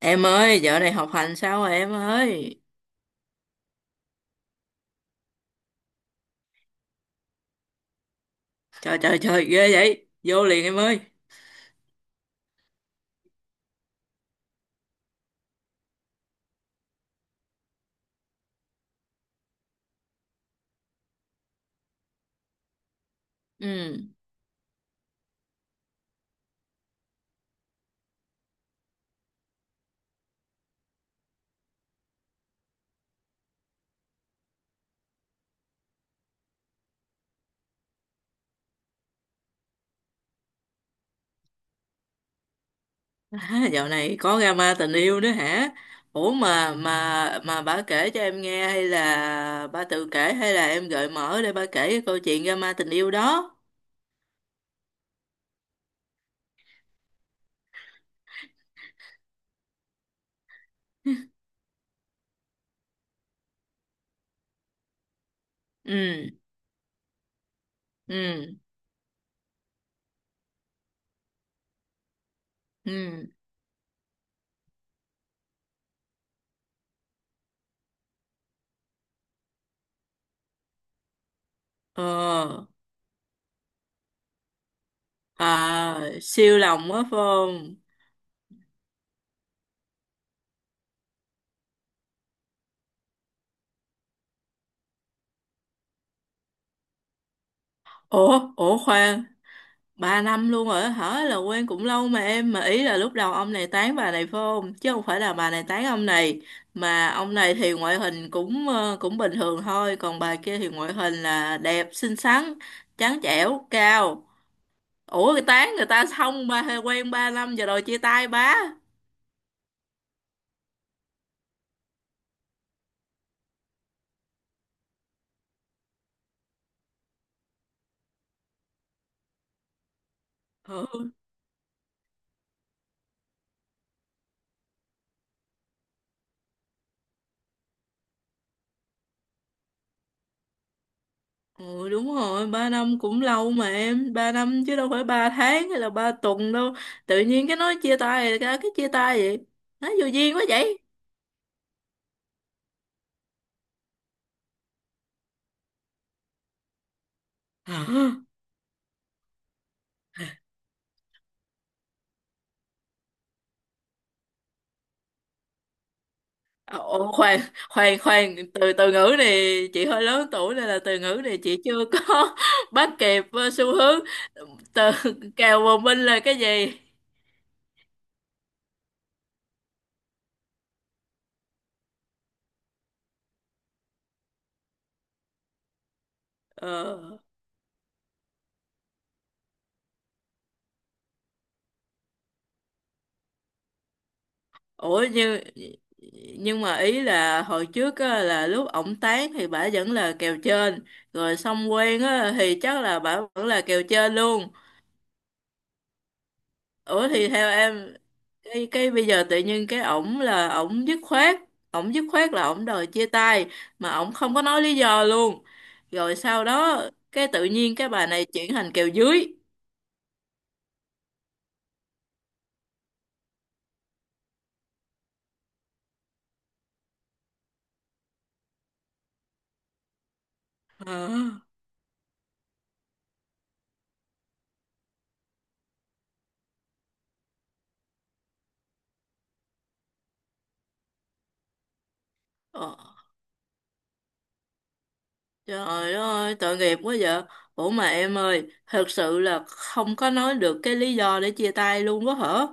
Em ơi, dạo này học hành sao rồi em ơi? Trời trời trời, ghê vậy. Vô liền em ơi. Ừ. À, dạo này có drama tình yêu nữa hả? Ủa mà bà kể cho em nghe hay là bà tự kể hay là em gợi mở để bà kể cái câu chuyện drama tình yêu đó? Ừ. Ừ. Ừ. Ờ. À, siêu lòng quá phải không? Ủa, ủa khoan. Ba năm luôn rồi á hả, là quen cũng lâu mà em, mà ý là lúc đầu ông này tán bà này phải không, chứ không phải là bà này tán ông này? Mà ông này thì ngoại hình cũng cũng bình thường thôi, còn bà kia thì ngoại hình là đẹp, xinh xắn, trắng trẻo, cao. Ủa cái tán người ta xong, ba, hay quen ba năm giờ rồi chia tay bá? Ừ. Ừ, đúng rồi, ba năm cũng lâu mà em, ba năm chứ đâu phải ba tháng hay là ba tuần đâu. Tự nhiên cái nói chia tay, cái chia tay vậy. Nói vô duyên quá vậy. Hả? Ồ, khoan khoan khoan, từ từ ngữ này chị hơi lớn tuổi, nên là từ ngữ này chị chưa có bắt kịp xu hướng. Từ kèo bồng binh là cái gì? ờ, Ủa nhưng mà ý là hồi trước á, là lúc ổng tán thì bả vẫn là kèo trên. Rồi xong quen á thì chắc là bả vẫn là kèo trên luôn. Ủa thì theo em, cái bây giờ tự nhiên cái ổng là ổng dứt khoát, ổng dứt khoát là ổng đòi chia tay mà ổng không có nói lý do luôn. Rồi sau đó cái tự nhiên cái bà này chuyển thành kèo dưới. Ờ. Ờ, trời ơi tội nghiệp quá vậy. Ủa mà em ơi, thật sự là không có nói được cái lý do để chia tay luôn quá hả?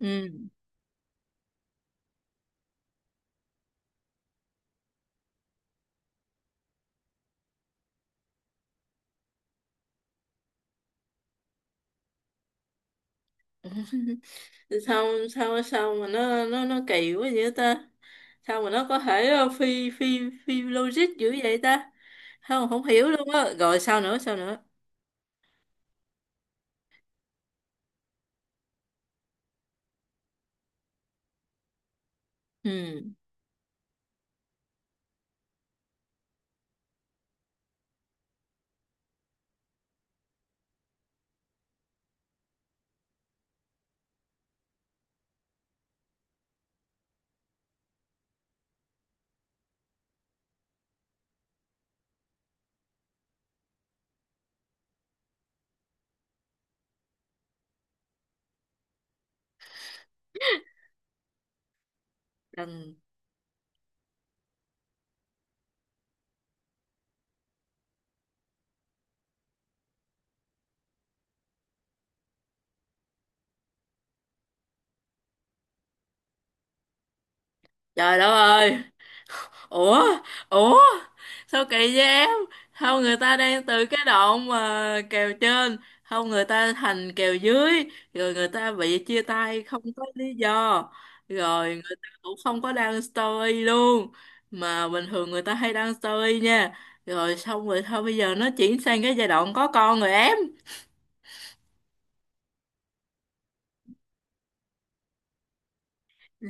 Ừ. sao sao sao mà nó kỳ quá vậy ta? Sao mà nó có thể phi phi phi logic dữ vậy ta? Không, không hiểu luôn á. Rồi sao nữa, sao nữa? Ừ, đừng. Trời đất ơi. Ủa, ủa, sao kỳ vậy em? Không, người ta đang từ cái đoạn mà kèo trên, không, người ta thành kèo dưới, rồi người ta bị chia tay không có lý do, rồi người ta cũng không có đăng story luôn, mà bình thường người ta hay đăng story nha. Rồi xong rồi thôi, bây giờ nó chuyển sang cái giai đoạn có con rồi em. Ừ.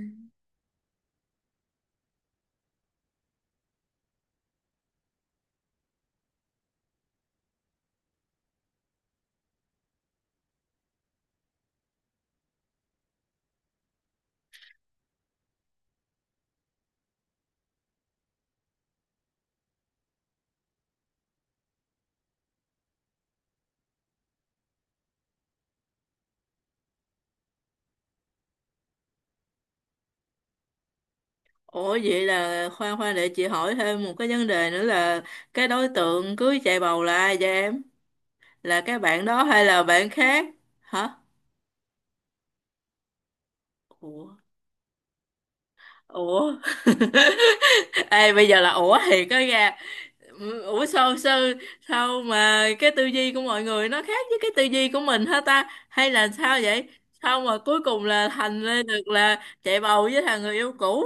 Ủa vậy là, khoan khoan để chị hỏi thêm một cái vấn đề nữa là cái đối tượng cưới chạy bầu là ai vậy em? Là cái bạn đó hay là bạn khác? Hả? Ủa, ủa. Ê bây giờ là, ủa thiệt đó nha. Ủa sao, sao mà cái tư duy của mọi người nó khác với cái tư duy của mình hả ta, hay là sao vậy? Sao mà cuối cùng là thành lên được là chạy bầu với thằng người yêu cũ?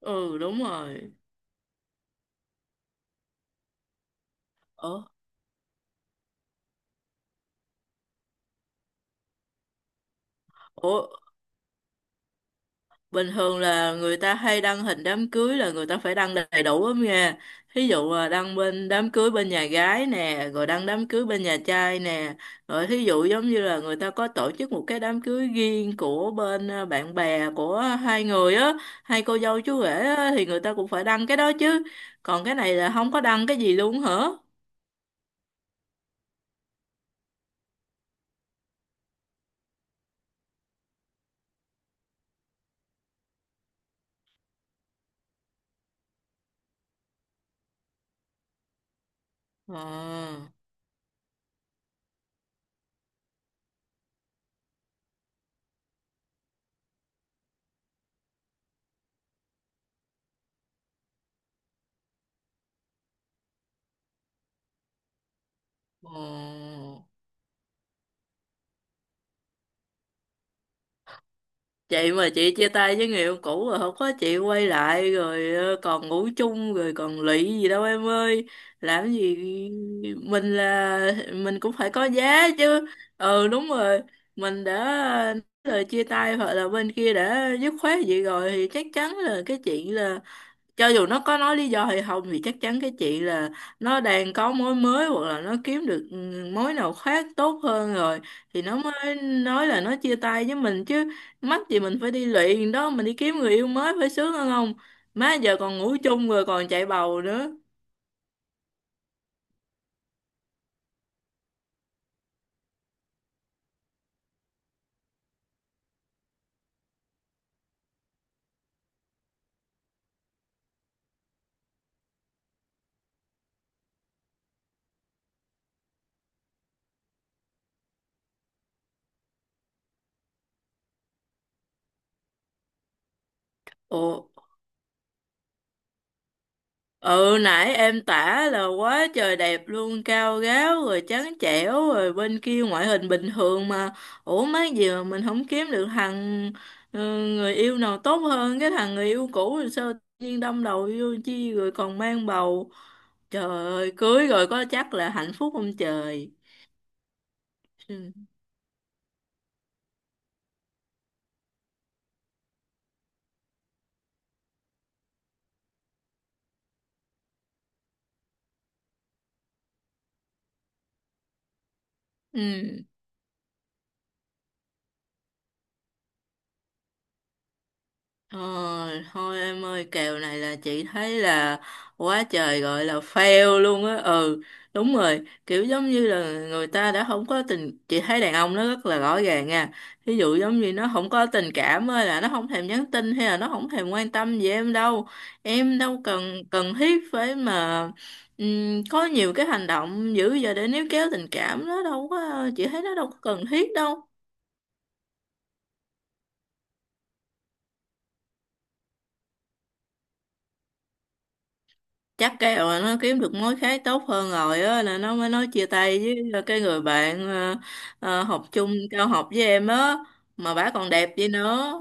Ừ đúng rồi. Ủa, ủa, bình thường là người ta hay đăng hình đám cưới, là người ta phải đăng đầy đủ lắm nha. Thí dụ là đăng bên đám cưới bên nhà gái nè, rồi đăng đám cưới bên nhà trai nè, rồi thí dụ giống như là người ta có tổ chức một cái đám cưới riêng của bên bạn bè của hai người á, hai cô dâu chú rể á, thì người ta cũng phải đăng cái đó chứ. Còn cái này là không có đăng cái gì luôn hả? Ờ. Ờ, chị mà chị chia tay với người yêu cũ rồi, không có chị quay lại rồi còn ngủ chung rồi còn lụy gì đâu em ơi. Làm gì. Mình là, mình cũng phải có giá chứ. Ừ đúng rồi. Mình đã nói lời chia tay, hoặc là bên kia đã dứt khoát vậy rồi, thì chắc chắn là cái chuyện là, cho dù nó có nói lý do hay không, thì chắc chắn cái chuyện là nó đang có mối mới, hoặc là nó kiếm được mối nào khác tốt hơn rồi, thì nó mới nói là nó chia tay với mình chứ. Mắc gì mình phải đi luyện đó, mình đi kiếm người yêu mới phải sướng hơn không? Má, giờ còn ngủ chung rồi còn chạy bầu nữa. Ồ. Ừ nãy em tả là quá trời đẹp luôn, cao ráo rồi trắng trẻo, rồi bên kia ngoại hình bình thường mà. Ủa mấy gì mà mình không kiếm được thằng, ừ, người yêu nào tốt hơn cái thằng người yêu cũ, rồi sao tự nhiên đâm đầu vô chi rồi còn mang bầu. Trời ơi cưới rồi có chắc là hạnh phúc không trời. Ừ. Ừ. Ờ, thôi em ơi, kèo này là chị thấy là quá trời, gọi là fail luôn á. Ừ đúng rồi. Kiểu giống như là người ta đã không có tình, chị thấy đàn ông nó rất là rõ ràng nha. Ví dụ giống như nó không có tình cảm ơi, là nó không thèm nhắn tin, hay là nó không thèm quan tâm gì em đâu. Em đâu cần, cần thiết phải mà có nhiều cái hành động dữ giờ để níu kéo tình cảm, nó đâu có. Chị thấy nó đâu có cần thiết đâu. Chắc cái rồi nó kiếm được mối khác tốt hơn rồi á, là nó mới nói chia tay với cái người bạn, học chung cao học với em á. Mà bả còn đẹp vậy nữa.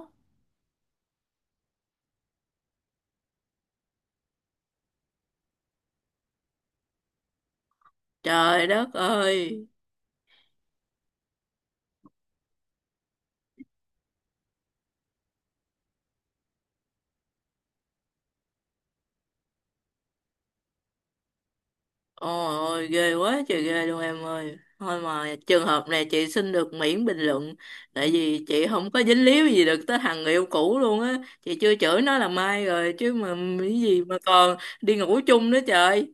Trời đất ơi. Ôi ôi ghê, quá trời ghê luôn em ơi. Thôi mà trường hợp này chị xin được miễn bình luận, tại vì chị không có dính líu gì được tới thằng người yêu cũ luôn á, chị chưa chửi nó là mai rồi chứ mà. Cái gì mà còn đi ngủ chung nữa trời.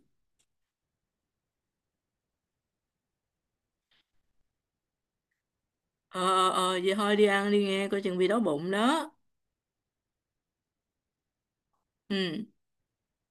Ờ. Ờ vậy thôi đi ăn đi nghe, coi chừng bị đói bụng đó. Ừ.